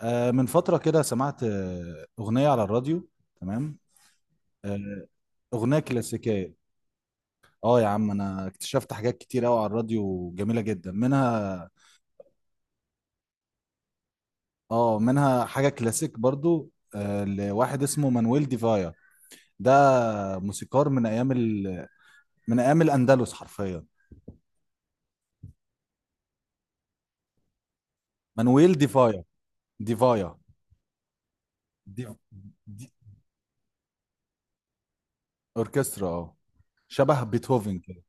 من فترة كده سمعت أغنية على الراديو. تمام. آه، أغنية كلاسيكية. اه يا عم، أنا اكتشفت حاجات كتير أوي على الراديو جميلة جدا منها. اه، منها حاجة كلاسيك برضو لواحد اسمه مانويل ديفايا. ده موسيقار من أيام من أيام الأندلس حرفيا. مانويل ديفايا. ديفايا. دي... دي... أوركسترا، اه. شبه بيتهوفن كده.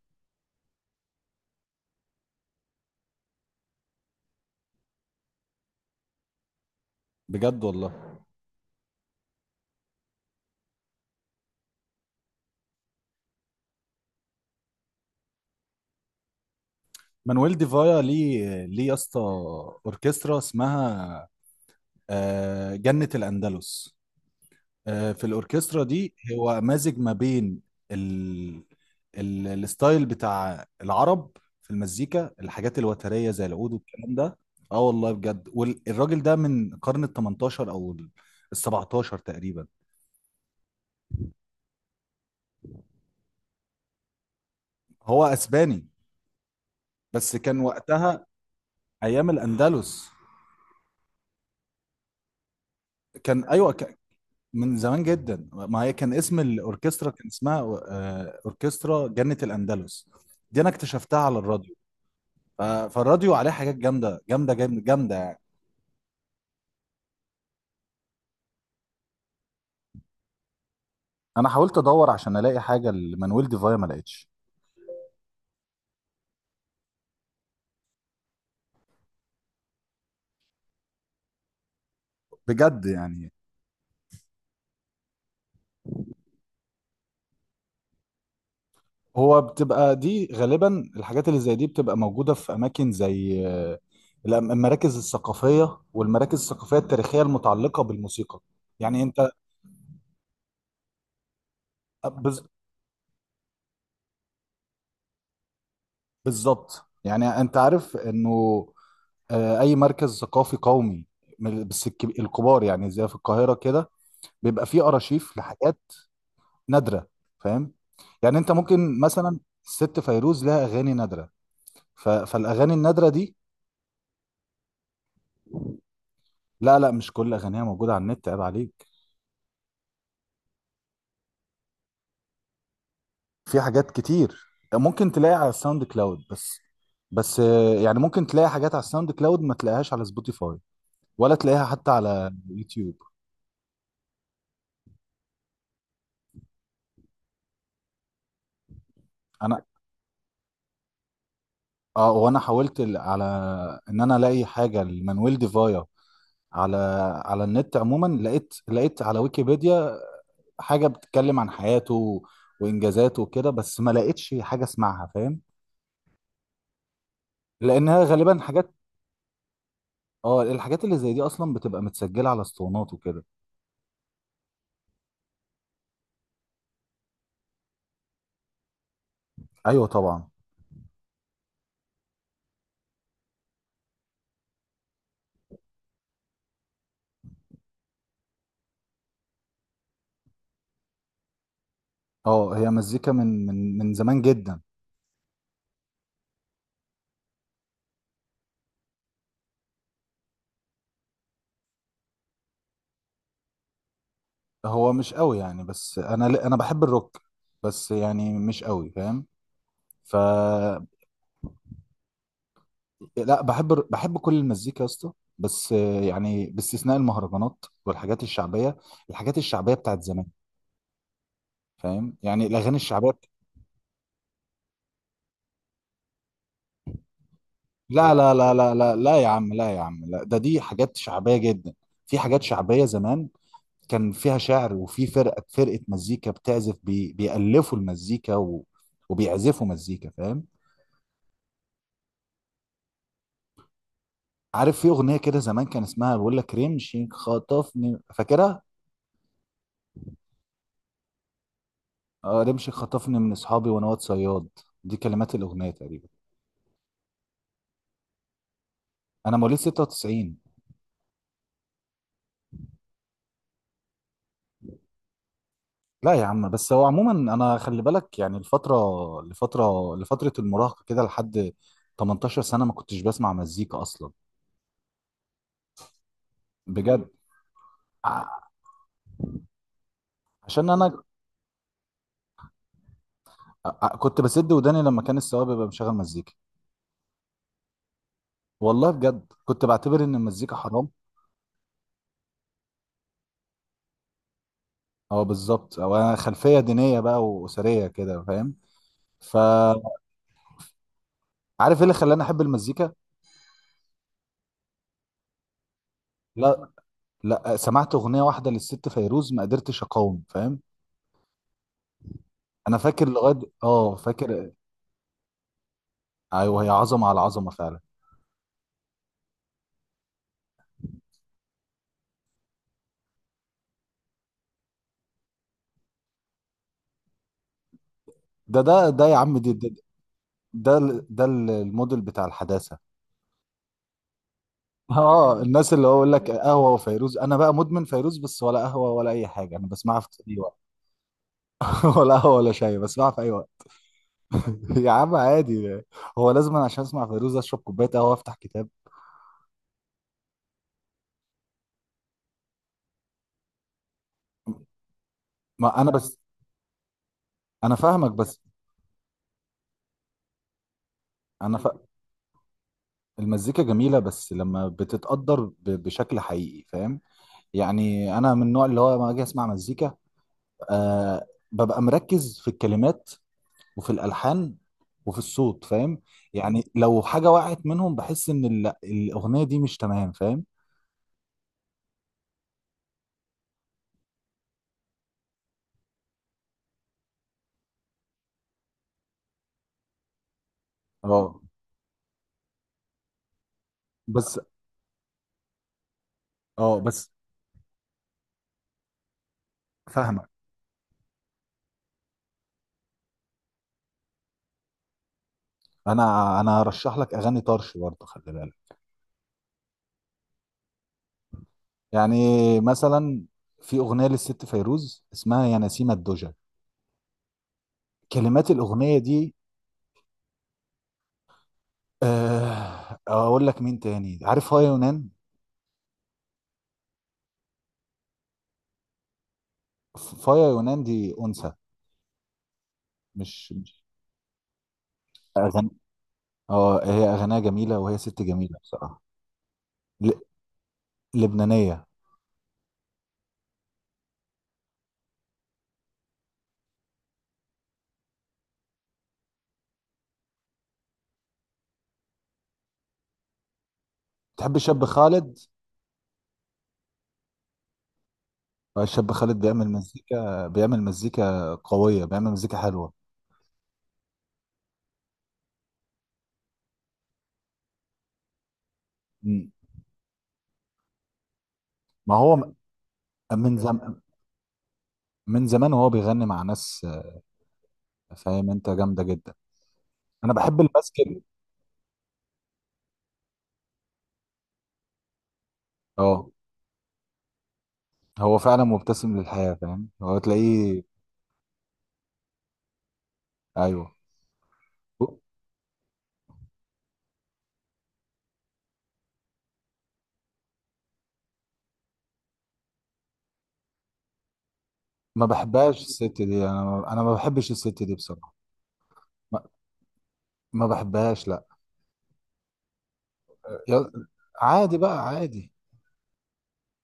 بجد والله. مانويل ديفايا، ليه ليه يا اسطى، اوركسترا اسمها جنة الأندلس. في الاوركسترا دي هو مازج ما بين ال... الستايل بتاع العرب في المزيكا، الحاجات الوترية زي العود والكلام ده. اه والله بجد، والراجل ده من قرن ال 18 او ال 17 تقريبا. هو اسباني بس كان وقتها ايام الاندلس. كان، ايوه، من زمان جدا. ما هي كان اسم الاوركسترا كان اسمها اوركسترا جنة الاندلس. دي انا اكتشفتها على الراديو. فالراديو عليه حاجات جامده جامده جامده جامده يعني. انا حاولت ادور عشان الاقي حاجه لمانويل ديفايا، ما لقيتش. بجد يعني. هو بتبقى دي غالبا، الحاجات اللي زي دي بتبقى موجوده في اماكن زي المراكز الثقافيه، والمراكز الثقافيه التاريخيه المتعلقه بالموسيقى. يعني انت... آه، بز- بالظبط. يعني انت عارف انه اي مركز ثقافي قومي، بس الكبار، يعني زي في القاهره كده، بيبقى فيه ارشيف لحاجات نادره. فاهم؟ يعني انت ممكن مثلا... الست فيروز لها اغاني نادره. فالاغاني النادره دي... لا لا، مش كل اغانيها موجوده على النت، عيب عليك. في حاجات كتير. ممكن تلاقي على الساوند كلاود بس. بس يعني ممكن تلاقي حاجات على الساوند كلاود ما تلاقيهاش على سبوتيفاي، ولا تلاقيها حتى على يوتيوب. انا... اه، وانا حاولت على ان انا الاقي حاجه لمانويل ديفايا على... على النت عموما. لقيت على ويكيبيديا حاجة بتتكلم عن حياته وإنجازاته وكده، بس ما لقيتش حاجة اسمعها. فاهم؟ لأنها غالبا حاجات... اه، الحاجات اللي زي دي أصلا بتبقى متسجلة على اسطوانات وكده. أيوة طبعا. اه، هي مزيكا من زمان جدا. هو مش قوي يعني، بس أنا أنا بحب الروك، بس يعني مش قوي. فاهم؟ ف... لا، بحب كل المزيكا يا اسطى، بس يعني باستثناء المهرجانات والحاجات الشعبية، الحاجات الشعبية بتاعت زمان. فاهم؟ يعني الاغاني الشعبيه. لا لا لا لا لا لا لا يا عم، لا يا عم، لا، ده دي حاجات شعبيه جدا. في حاجات شعبيه زمان كان فيها شعر، وفي فرقه، مزيكا بتعزف، بيألفوا المزيكا وبيعزفوا مزيكا. فاهم؟ عارف في اغنيه كده زمان كان اسمها بيقول لك رمشي خطفني، فاكرها؟ آه، رمشي خطفني من اصحابي وانا واد صياد. دي كلمات الاغنيه تقريبا. انا مواليد 96. لا يا عم، بس هو عموما انا خلي بالك، يعني الفتره لفتره المراهقه كده لحد 18 سنه، ما كنتش بسمع مزيكا اصلا. بجد. ع- عشان انا... كنت بسد وداني لما كان السواق بيبقى مشغل مزيكا. والله بجد، كنت بعتبر ان المزيكا حرام. اه بالظبط، او انا خلفيه دينيه بقى واسريه كده. فاهم؟ فعارف ايه اللي خلاني احب المزيكا؟ لا. لا، سمعت اغنيه واحده للست فيروز ما قدرتش اقاوم. فاهم؟ انا فاكر لغايه فاكر... ايوه، هي عظمه على عظمه فعلا. ده ده ده يا عم، دي ده، الموديل بتاع الحداثة. اه، الناس اللي هو يقول لك قهوة وفيروز، انا بقى مدمن فيروز بس، ولا قهوة ولا اي حاجة، انا بسمعها في اي وقت. ولا قهوة ولا شاي، بسمعها في اي وقت. يا عم عادي. هو لازم أنا عشان اسمع فيروز اشرب كوباية قهوة وافتح كتاب؟ ما انا بس... انا فاهمك بس... انا ف... المزيكا جميلة بس لما بتتقدر بشكل حقيقي. فاهم؟ يعني انا من النوع اللي هو لما اجي اسمع مزيكا آه ببقى مركز في الكلمات، وفي الالحان، وفي الصوت. فاهم؟ يعني لو حاجه وقعت منهم بحس ان الاغنيه دي مش تمام. فاهم؟ اه بس... اه بس... فاهمك. انا هرشح لك اغاني طرش برضه، خلي بالك. يعني مثلا في اغنيه للست فيروز اسمها يا نسيمه الدجى، كلمات الاغنيه دي... اقول لك مين تاني؟ عارف فايا يونان؟ فايا يونان دي انثى. مش اغاني... اه، هي اغانيها جميله، وهي ست جميله بصراحه. ل- لبنانيه. تحب الشاب خالد؟ الشاب خالد بيعمل مزيكا، بيعمل مزيكا قوية، بيعمل مزيكا حلوة. مم. ما هو من زم... من زمان وهو بيغني مع ناس فاهم؟ انت جامدة جدا. انا بحب الماسكل. اه، هو فعلا مبتسم للحياة. فاهم؟ هو تلاقيه... ايوه. ما بحبهاش الست دي، انا ما بحبش الست دي بصراحة. ما, ما بحبهاش، لا. يا... عادي بقى، عادي.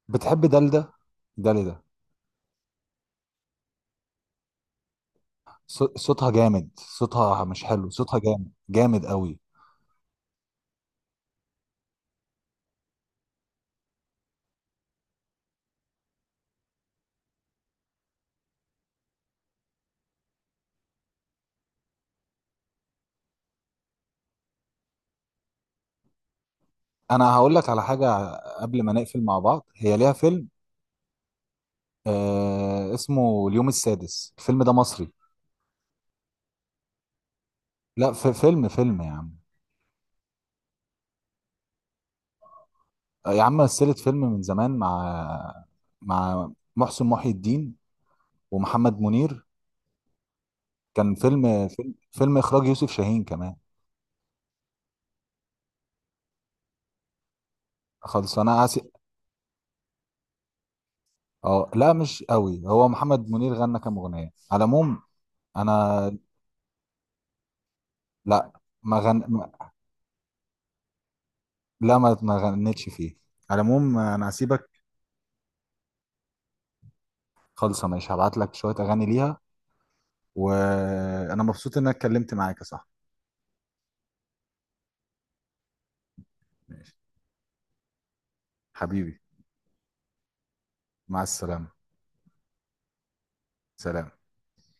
بتحب دلدة؟ دلدة. صوتها جامد، صوتها مش حلو، صوتها جامد جامد قوي. انا هقول لك على حاجه قبل ما نقفل مع بعض. هي ليها فيلم آه اسمه اليوم السادس. الفيلم ده مصري. لا، في فيلم يا عم. يا عم، مثلت فيلم من زمان مع... مع محسن محي الدين ومحمد منير. كان فيلم فيلم اخراج يوسف شاهين كمان. خالص انا اسف. اه لا، مش قوي، هو محمد منير غنى كام اغنيه على العموم. انا... لا، ما غن ما- لا ما غنتش فيه. على العموم انا هسيبك. خالص ماشي، هبعت لك شويه اغاني ليها. وانا مبسوط ان انا اتكلمت معاك يا صاحبي. ماشي. حبيبي. مع السلامة. سلام.